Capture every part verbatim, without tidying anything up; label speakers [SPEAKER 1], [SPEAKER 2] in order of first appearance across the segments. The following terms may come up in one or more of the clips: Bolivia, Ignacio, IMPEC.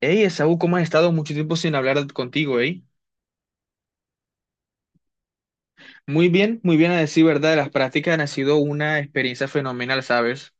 [SPEAKER 1] Hey, Esaú, ¿cómo has estado? Mucho tiempo sin hablar contigo, ¿eh? Muy bien, muy bien a decir verdad, las prácticas han sido una experiencia fenomenal, ¿sabes?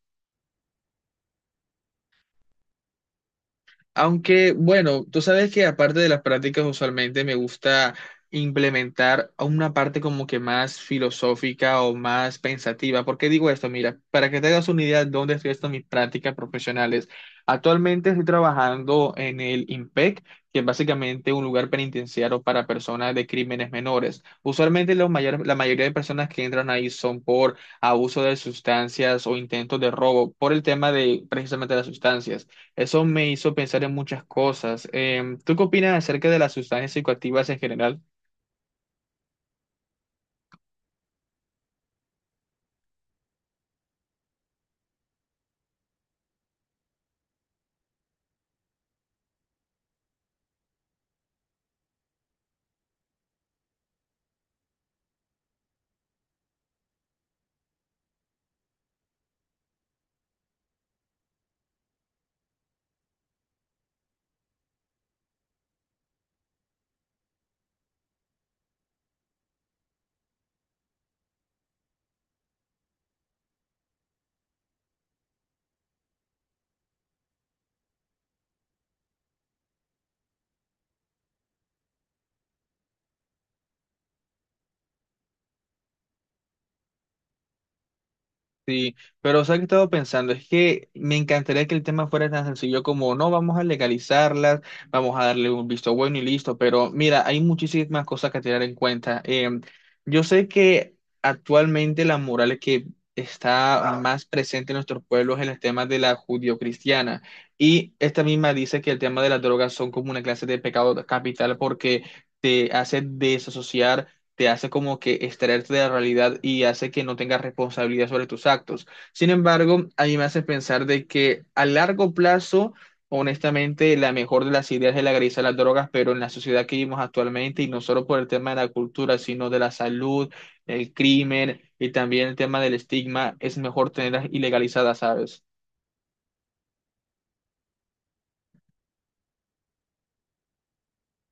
[SPEAKER 1] Aunque, bueno, tú sabes que aparte de las prácticas, usualmente me gusta implementar una parte como que más filosófica o más pensativa. ¿Por qué digo esto? Mira, para que te hagas una idea de dónde estoy haciendo mis prácticas profesionales. Actualmente estoy trabajando en el IMPEC, que es básicamente un lugar penitenciario para personas de crímenes menores. Usualmente los mayor- la mayoría de personas que entran ahí son por abuso de sustancias o intentos de robo, por el tema de precisamente las sustancias. Eso me hizo pensar en muchas cosas. Em, ¿tú qué opinas acerca de las sustancias psicoactivas en general? Sí, pero ¿sabes qué he estado pensando? Es que me encantaría que el tema fuera tan sencillo como: no, vamos a legalizarlas, vamos a darle un visto bueno y listo. Pero mira, hay muchísimas cosas que tener en cuenta. Em, yo sé que actualmente la moral que está más presente en nuestros pueblos es el tema de la judio-cristiana, y esta misma dice que el tema de las drogas son como una clase de pecado capital porque te hace desasociar, te hace como que extraerte de la realidad y hace que no tengas responsabilidad sobre tus actos. Sin embargo, a mí me hace pensar de que a largo plazo, honestamente, la mejor de las ideas es legalizar las drogas, pero en la sociedad que vivimos actualmente, y no solo por el tema de la cultura, sino de la salud, el crimen y también el tema del estigma, es mejor tenerlas ilegalizadas, ¿sabes?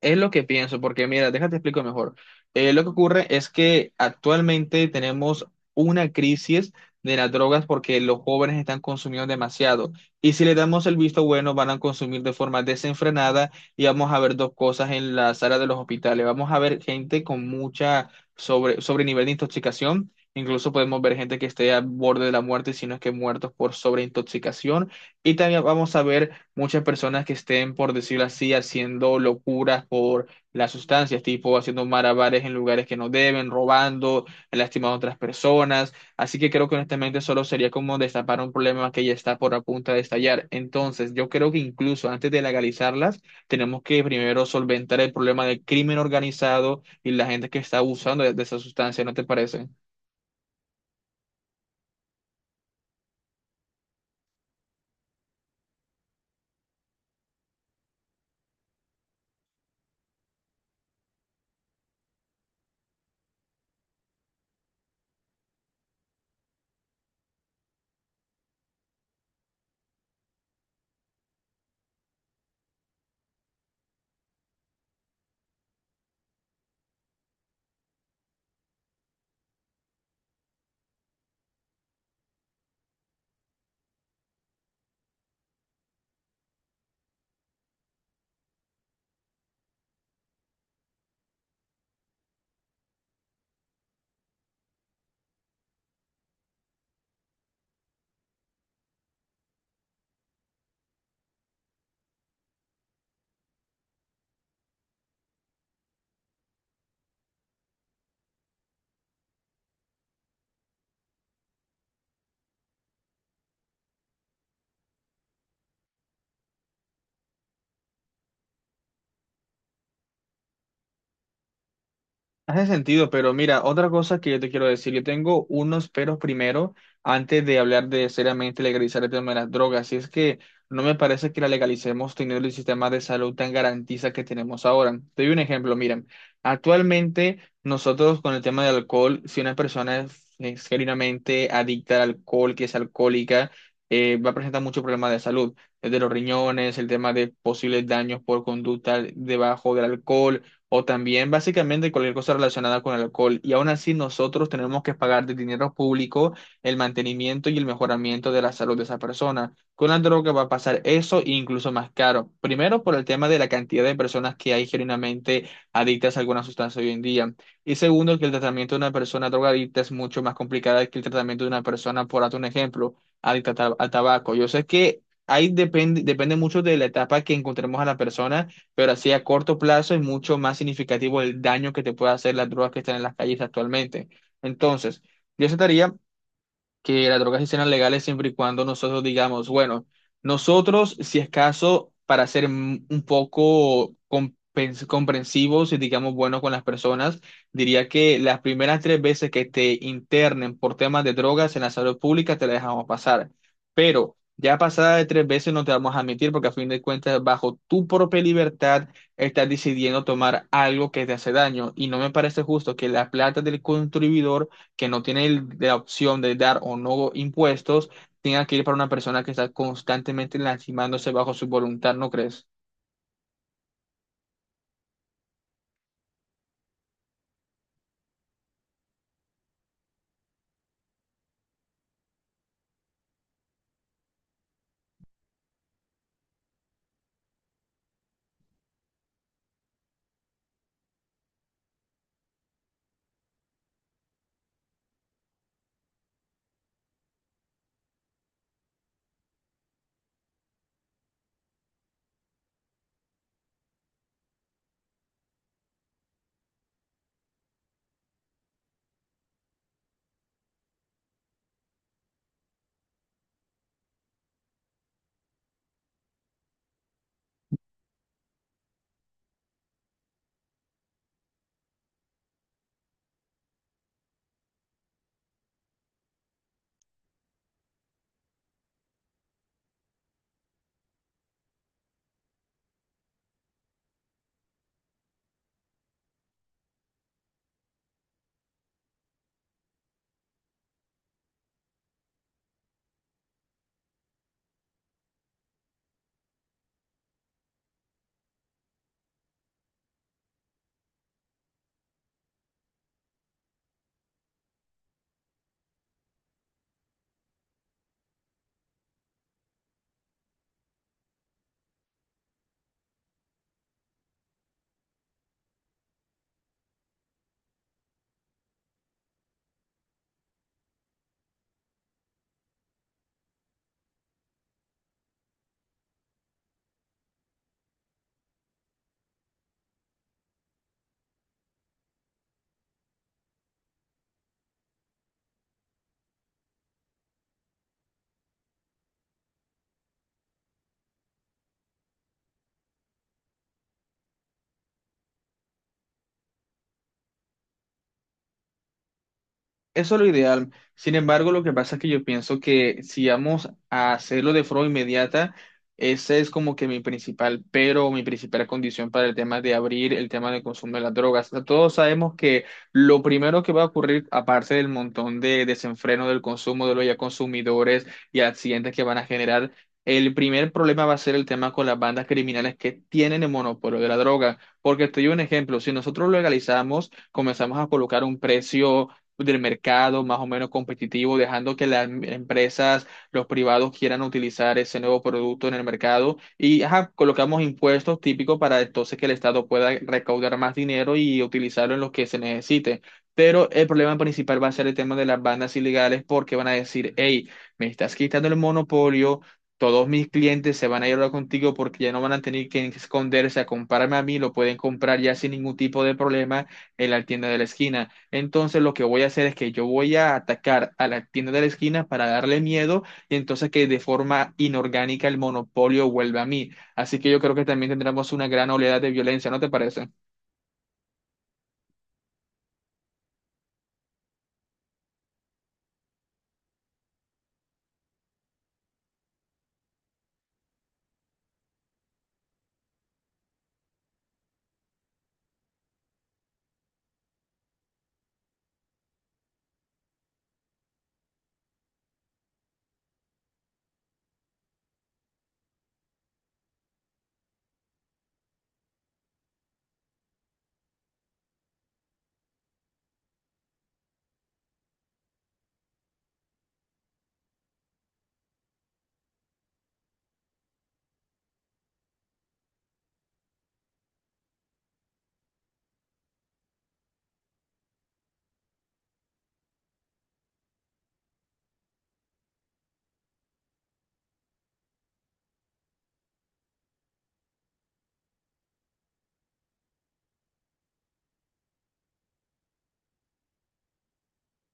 [SPEAKER 1] Es lo que pienso, porque mira, déjate explico mejor. Eh, lo que ocurre es que actualmente tenemos una crisis de las drogas porque los jóvenes están consumiendo demasiado. Y si le damos el visto bueno, van a consumir de forma desenfrenada y vamos a ver dos cosas en la sala de los hospitales. Vamos a ver gente con mucha sobre, sobre nivel de intoxicación. Incluso podemos ver gente que esté al borde de la muerte, si no es que muertos por sobreintoxicación. Y también vamos a ver muchas personas que estén, por decirlo así, haciendo locuras por las sustancias, tipo haciendo malabares en lugares que no deben, robando, lastimando a otras personas. Así que creo que honestamente solo sería como destapar un problema que ya está por a punto de estallar. Entonces, yo creo que incluso antes de legalizarlas, tenemos que primero solventar el problema del crimen organizado y la gente que está abusando de, de esa sustancia, ¿no te parece? Hace sentido, pero mira, otra cosa que yo te quiero decir, yo tengo unos peros primero antes de hablar de seriamente legalizar el tema de las drogas, y es que no me parece que la legalicemos teniendo el sistema de salud tan garantiza que tenemos ahora. Te doy un ejemplo, miren, actualmente nosotros con el tema del alcohol, si una persona es es genuinamente adicta al alcohol, que es alcohólica, eh, va a presentar muchos problemas de salud, desde los riñones, el tema de posibles daños por conducta debajo del alcohol o también básicamente cualquier cosa relacionada con el alcohol. Y aún así nosotros tenemos que pagar de dinero público el mantenimiento y el mejoramiento de la salud de esa persona. Con la droga va a pasar eso e incluso más caro. Primero por el tema de la cantidad de personas que hay genuinamente adictas a alguna sustancia hoy en día. Y segundo, que el tratamiento de una persona drogadicta es mucho más complicado que el tratamiento de una persona, por darte un ejemplo, adicta a tab- al tabaco. Yo sé que... Ahí depende, depende mucho de la etapa que encontremos a la persona, pero así a corto plazo es mucho más significativo el daño que te puede hacer las drogas que están en las calles actualmente. Entonces, yo trataría que las drogas sí serán legales siempre y cuando nosotros digamos, bueno, nosotros, si es caso, para ser mm, un poco compens- comprensivos y digamos buenos con las personas, diría que las primeras tres veces que te internen por temas de drogas en la salud pública te la dejamos pasar. Pero ya pasada de tres veces no te vamos a admitir porque a fin de cuentas, bajo tu propia libertad, estás decidiendo tomar algo que te hace daño. Y no me parece justo que la plata del contribuidor que no tiene el- la opción de dar o no impuestos, tenga que ir para una persona que está constantemente lastimándose bajo su voluntad, ¿no crees? Eso es lo ideal. Sin embargo, lo que pasa es que yo pienso que si vamos a hacerlo de forma inmediata, ese es como que mi principal pero, mi principal condición para el tema de abrir el tema del consumo de las drogas. O sea, todos sabemos que lo primero que va a ocurrir, aparte del montón de desenfreno del consumo de los ya consumidores y accidentes que van a generar, el primer problema va a ser el tema con las bandas criminales que tienen el monopolio de la droga. Porque te doy un ejemplo, si nosotros legalizamos, comenzamos a colocar un precio del mercado más o menos competitivo, dejando que las empresas, los privados quieran utilizar ese nuevo producto en el mercado y ajá, colocamos impuestos típicos para entonces que el Estado pueda recaudar más dinero y utilizarlo en lo que se necesite. Pero el problema principal va a ser el tema de las bandas ilegales porque van a decir: hey, me estás quitando el monopolio. Todos mis clientes se van a ir ahora contigo porque ya no van a tener que esconderse a comprarme a mí, lo pueden comprar ya sin ningún tipo de problema en la tienda de la esquina. Entonces lo que voy a hacer es que yo voy a atacar a la tienda de la esquina para darle miedo y entonces que de forma inorgánica el monopolio vuelva a mí. Así que yo creo que también tendremos una gran oleada de violencia, ¿no te parece?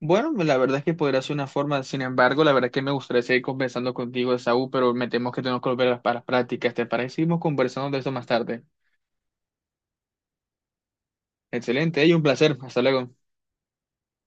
[SPEAKER 1] Bueno, la verdad es que podría ser una forma, sin embargo, la verdad es que me gustaría seguir conversando contigo, Saúl, pero me temo que tenemos que volver a las para las prácticas. ¿Te parece? Seguimos conversando de eso más tarde. Excelente, y un placer. Hasta luego.